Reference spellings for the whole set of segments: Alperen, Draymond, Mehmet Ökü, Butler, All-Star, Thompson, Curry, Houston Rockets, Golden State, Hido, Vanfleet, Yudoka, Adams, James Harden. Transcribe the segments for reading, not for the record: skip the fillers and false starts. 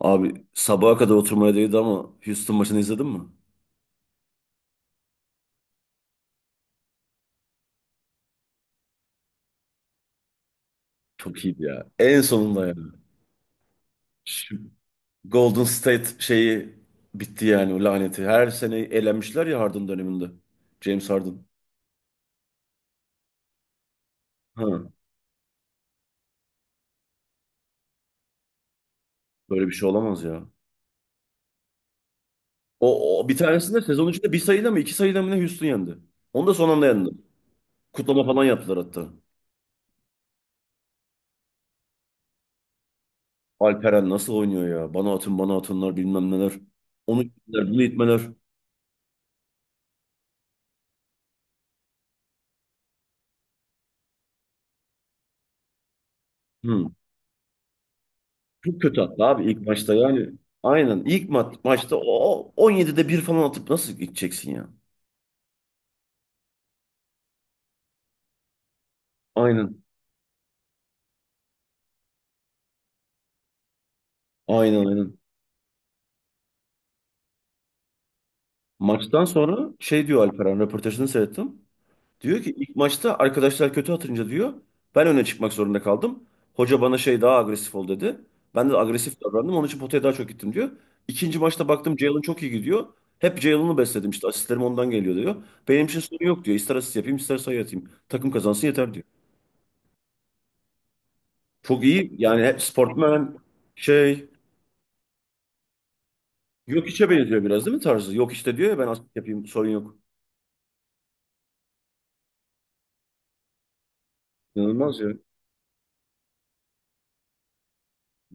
Abi sabaha kadar oturmaya değdi ama Houston maçını izledin mi? Çok iyiydi ya. En sonunda yani. Şu Golden State şeyi bitti yani o laneti. Her sene elenmişler ya Harden döneminde. James Harden. Ha, böyle bir şey olamaz ya. O bir tanesinde sezon içinde bir sayıda mı iki sayıda mı ne Houston yendi. Onu da son anda yendi. Kutlama falan yaptılar hatta. Alperen nasıl oynuyor ya? Bana atın bana atınlar bilmem neler. Onu itmeler bunu itmeler. Hı. Çok kötü hatta abi ilk maçta yani. Aynen maçta o 17'de bir falan atıp nasıl gideceksin ya? Aynen. Aynen aynen. Maçtan sonra şey diyor Alperen röportajını seyrettim. Diyor ki ilk maçta arkadaşlar kötü atınca diyor ben öne çıkmak zorunda kaldım. Hoca bana şey daha agresif ol dedi. Ben de agresif davrandım onun için potaya daha çok gittim diyor. İkinci maçta baktım Jalen çok iyi gidiyor. Hep Jalen'ı besledim işte asistlerim ondan geliyor diyor. Benim için sorun yok diyor. İster asist yapayım ister sayı atayım. Takım kazansın yeter diyor. Çok iyi. Yani hep sportman şey yok içe benziyor biraz değil mi tarzı? Yok işte diyor ya ben asist yapayım sorun yok. İnanılmaz ya.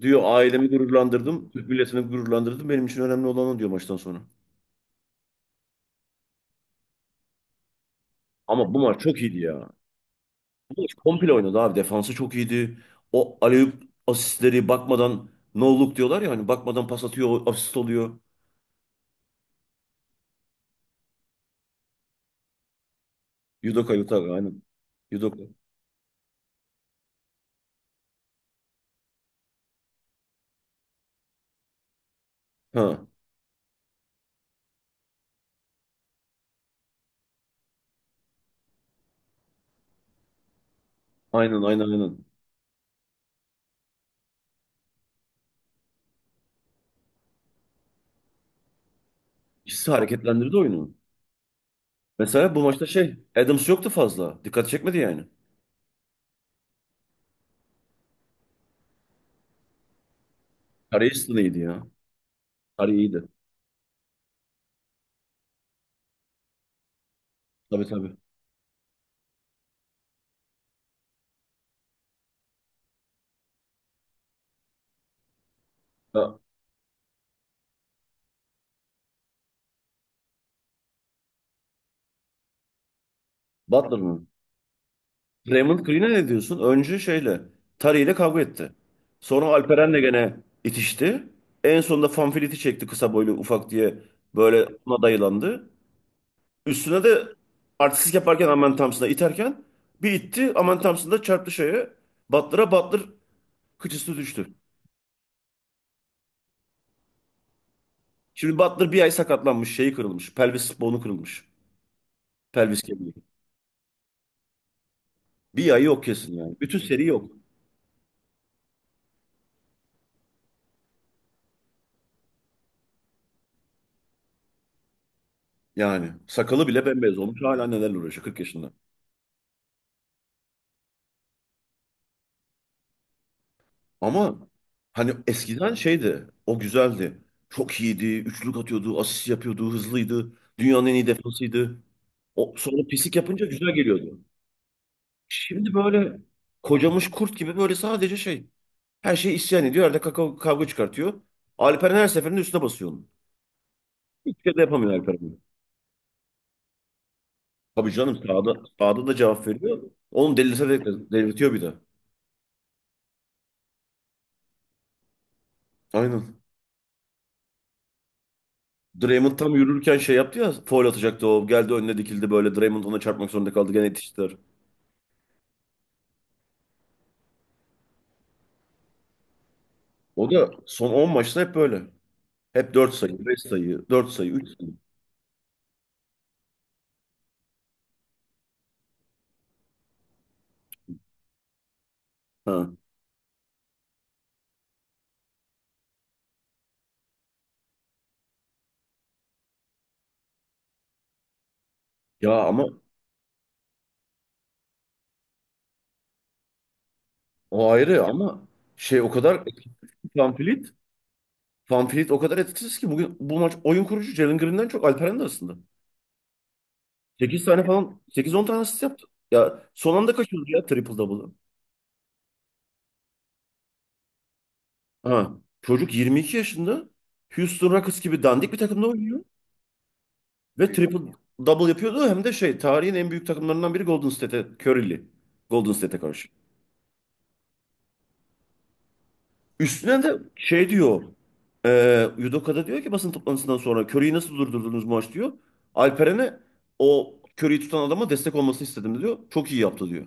Diyor ailemi gururlandırdım. Türk milletini gururlandırdım. Benim için önemli olan o diyor maçtan sonra. Ama bu maç çok iyiydi ya. Bu maç komple oynadı abi. Defansı çok iyiydi. O alley-oop asistleri bakmadan no look diyorlar ya hani bakmadan pas atıyor asist oluyor. Yudoka Yudoka aynen. Yudoka. Ha, aynen aynen aynen. İkisi hareketlendirdi oyunu. Mesela bu maçta şey Adams yoktu fazla. Dikkat çekmedi yani. Carey ya. Curry iyiydi. Tabii tabii. Ha, Butler mı? Raymond Green'e ne diyorsun? Önce şeyle Curry ile kavga etti. Sonra Alperen'le gene itişti. En sonunda Fanfiliti çekti kısa boylu ufak diye böyle ona dayılandı. Üstüne de artistlik yaparken Aman Thompson'a iterken bir itti. Aman Thompson da çarptı şeye. Butler'a Butler kıçısı düştü. Şimdi Butler bir ay sakatlanmış, şeyi kırılmış. Pelvis bonu kırılmış. Pelvis kemiği. Bir ay yok kesin yani. Bütün seri yok. Yani sakalı bile bembeyaz olmuş hala nelerle uğraşıyor 40 yaşında. Ama hani eskiden şeydi o güzeldi. Çok iyiydi. Üçlük atıyordu. Asist yapıyordu. Hızlıydı. Dünyanın en iyi defansıydı. O, sonra pislik yapınca güzel geliyordu. Şimdi böyle kocamış kurt gibi böyle sadece şey. Her şeyi isyan ediyor. Arada kavga çıkartıyor. Alperen her seferinde üstüne basıyor onu. Hiçbir şey de yapamıyor Alperen. Tabii canım sağda, sağda da cevap veriyor. Onu delirse de delirtiyor bir de. Aynen. Draymond tam yürürken şey yaptı ya foul atacaktı o. Geldi önüne dikildi böyle. Draymond ona çarpmak zorunda kaldı. Gene yetiştiler. O da son 10 maçta hep böyle. Hep 4 sayı, 5 sayı, 4 sayı, üç sayı. Ha. Ya ama o ayrı ama şey o kadar etkisiz Vanfleet. Vanfleet o kadar etkisiz ki bugün bu maç oyun kurucu Jalen Green'den çok Alperen de aslında. Sekiz tane falan sekiz on tane asist yaptı. Ya son anda kaçırdı ya triple double'ı. Ha. Çocuk 22 yaşında Houston Rockets gibi dandik bir takımda oynuyor. Ve triple double yapıyordu hem de şey tarihin en büyük takımlarından biri Golden State'e Curry'li. Golden State'e karşı. Üstüne de şey diyor. Yudoka'da diyor ki basın toplantısından sonra Curry'i nasıl durdurdunuz maç diyor. Alperen'e o Curry'i tutan adama destek olmasını istedim diyor. Çok iyi yaptı diyor.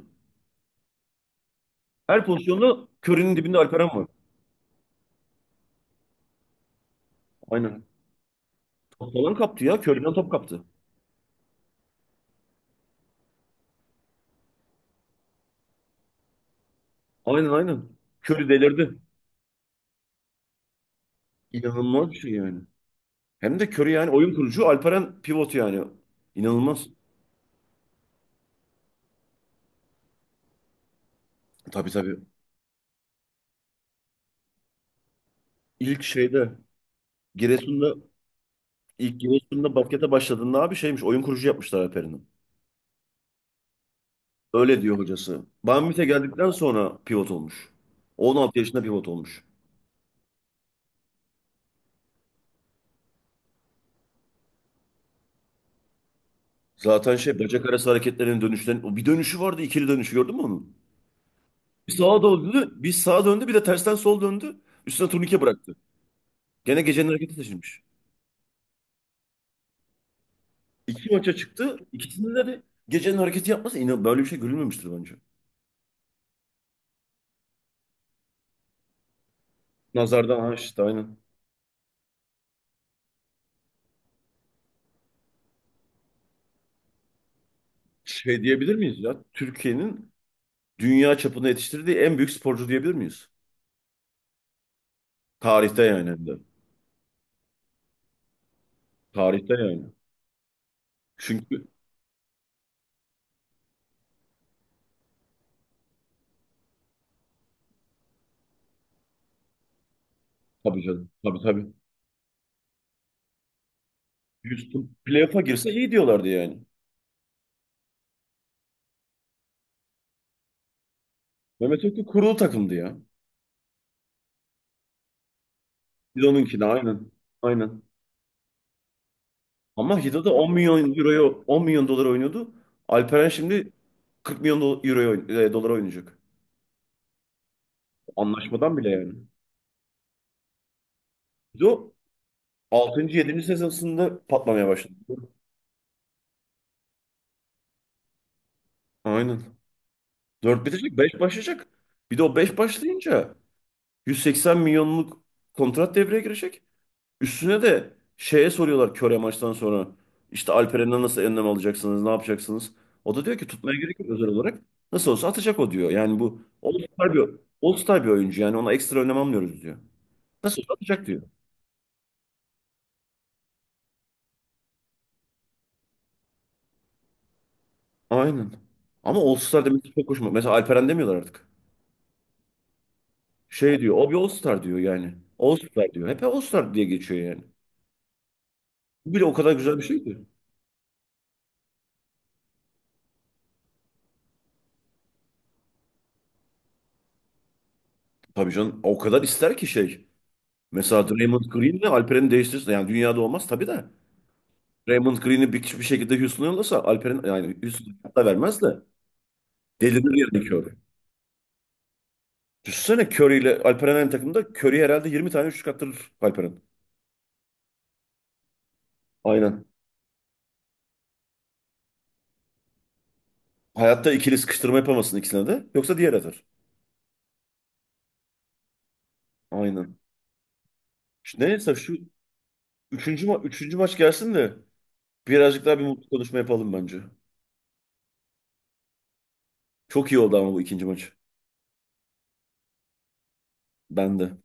Her pozisyonda Curry'nin dibinde Alperen var. Aynen. Top falan kaptı ya. Curry'den top kaptı. Aynen aynen. Curry delirdi. İnanılmaz bir şey yani. Hem de Curry yani oyun kurucu Alperen pivot yani. İnanılmaz. Tabii tabii. İlk şeyde Giresun'da ilk Giresun'da baskete başladığında abi şeymiş oyun kurucu yapmışlar Alperen'i. Öyle diyor hocası. Banvit'e geldikten sonra pivot olmuş. 16 yaşında pivot olmuş. Zaten şey bacak arası hareketlerinin dönüşten o bir dönüşü vardı ikili dönüşü gördün mü onu? Bir sağa döndü, bir sağa döndü bir de tersten sol döndü. Üstüne turnike bıraktı. Gene gecenin hareketi taşınmış. İki maça çıktı. İkisinde de gecenin hareketi yapması inan böyle bir şey görülmemiştir bence. Nazardan ha işte aynen. Şey diyebilir miyiz ya? Türkiye'nin dünya çapında yetiştirdiği en büyük sporcu diyebilir miyiz? Tarihte yani hem de. Tarihte yani. Çünkü tabii canım. Tabii tabii. Houston playoff'a girse iyi diyorlardı yani. Mehmet Ökü kurulu takımdı ya. Hido'nunki de aynen. Aynen. Ama Hido da 10 milyon euroya 10 milyon dolar oynuyordu. Alperen şimdi 40 milyon dolar oynayacak. Anlaşmadan bile yani. Hido 6. 7. sezonunda patlamaya başladı. Aynen. 4 bitecek, 5 başlayacak. Bir de o 5 başlayınca 180 milyonluk kontrat devreye girecek. Üstüne de şeye soruyorlar köre maçtan sonra. İşte Alperen'den nasıl önlem alacaksınız, ne yapacaksınız? O da diyor ki tutmaya gerek yok özel olarak. Nasıl olsa atacak o diyor. Yani bu All-Star bir oyuncu yani ona ekstra önlem almıyoruz diyor. Nasıl olsa atacak diyor. Aynen. Ama All-Star demesi çok hoşuma. Mesela Alperen demiyorlar artık. Şey diyor, o bir All-Star diyor yani. All-Star diyor. Hep All-Star diye geçiyor yani. Bu bile o kadar güzel bir şey ki. Tabii canım o kadar ister ki şey. Mesela Draymond Green'le Alperen'i değiştirse yani dünyada olmaz tabii de. Draymond Green'i bir şekilde Houston'a yollasa Alperen yani Houston'a hatta vermez de delirir yani Curry. Düşünsene Curry ile Alperen aynı takımda Curry herhalde 20 tane üçlük attırır Alperen. Aynen. Hayatta ikili sıkıştırma yapamasın ikisine de yoksa diğer atar. Aynen. İşte neyse şu üçüncü maç gelsin de birazcık daha bir mutlu konuşma yapalım bence. Çok iyi oldu ama bu ikinci maç. Ben de.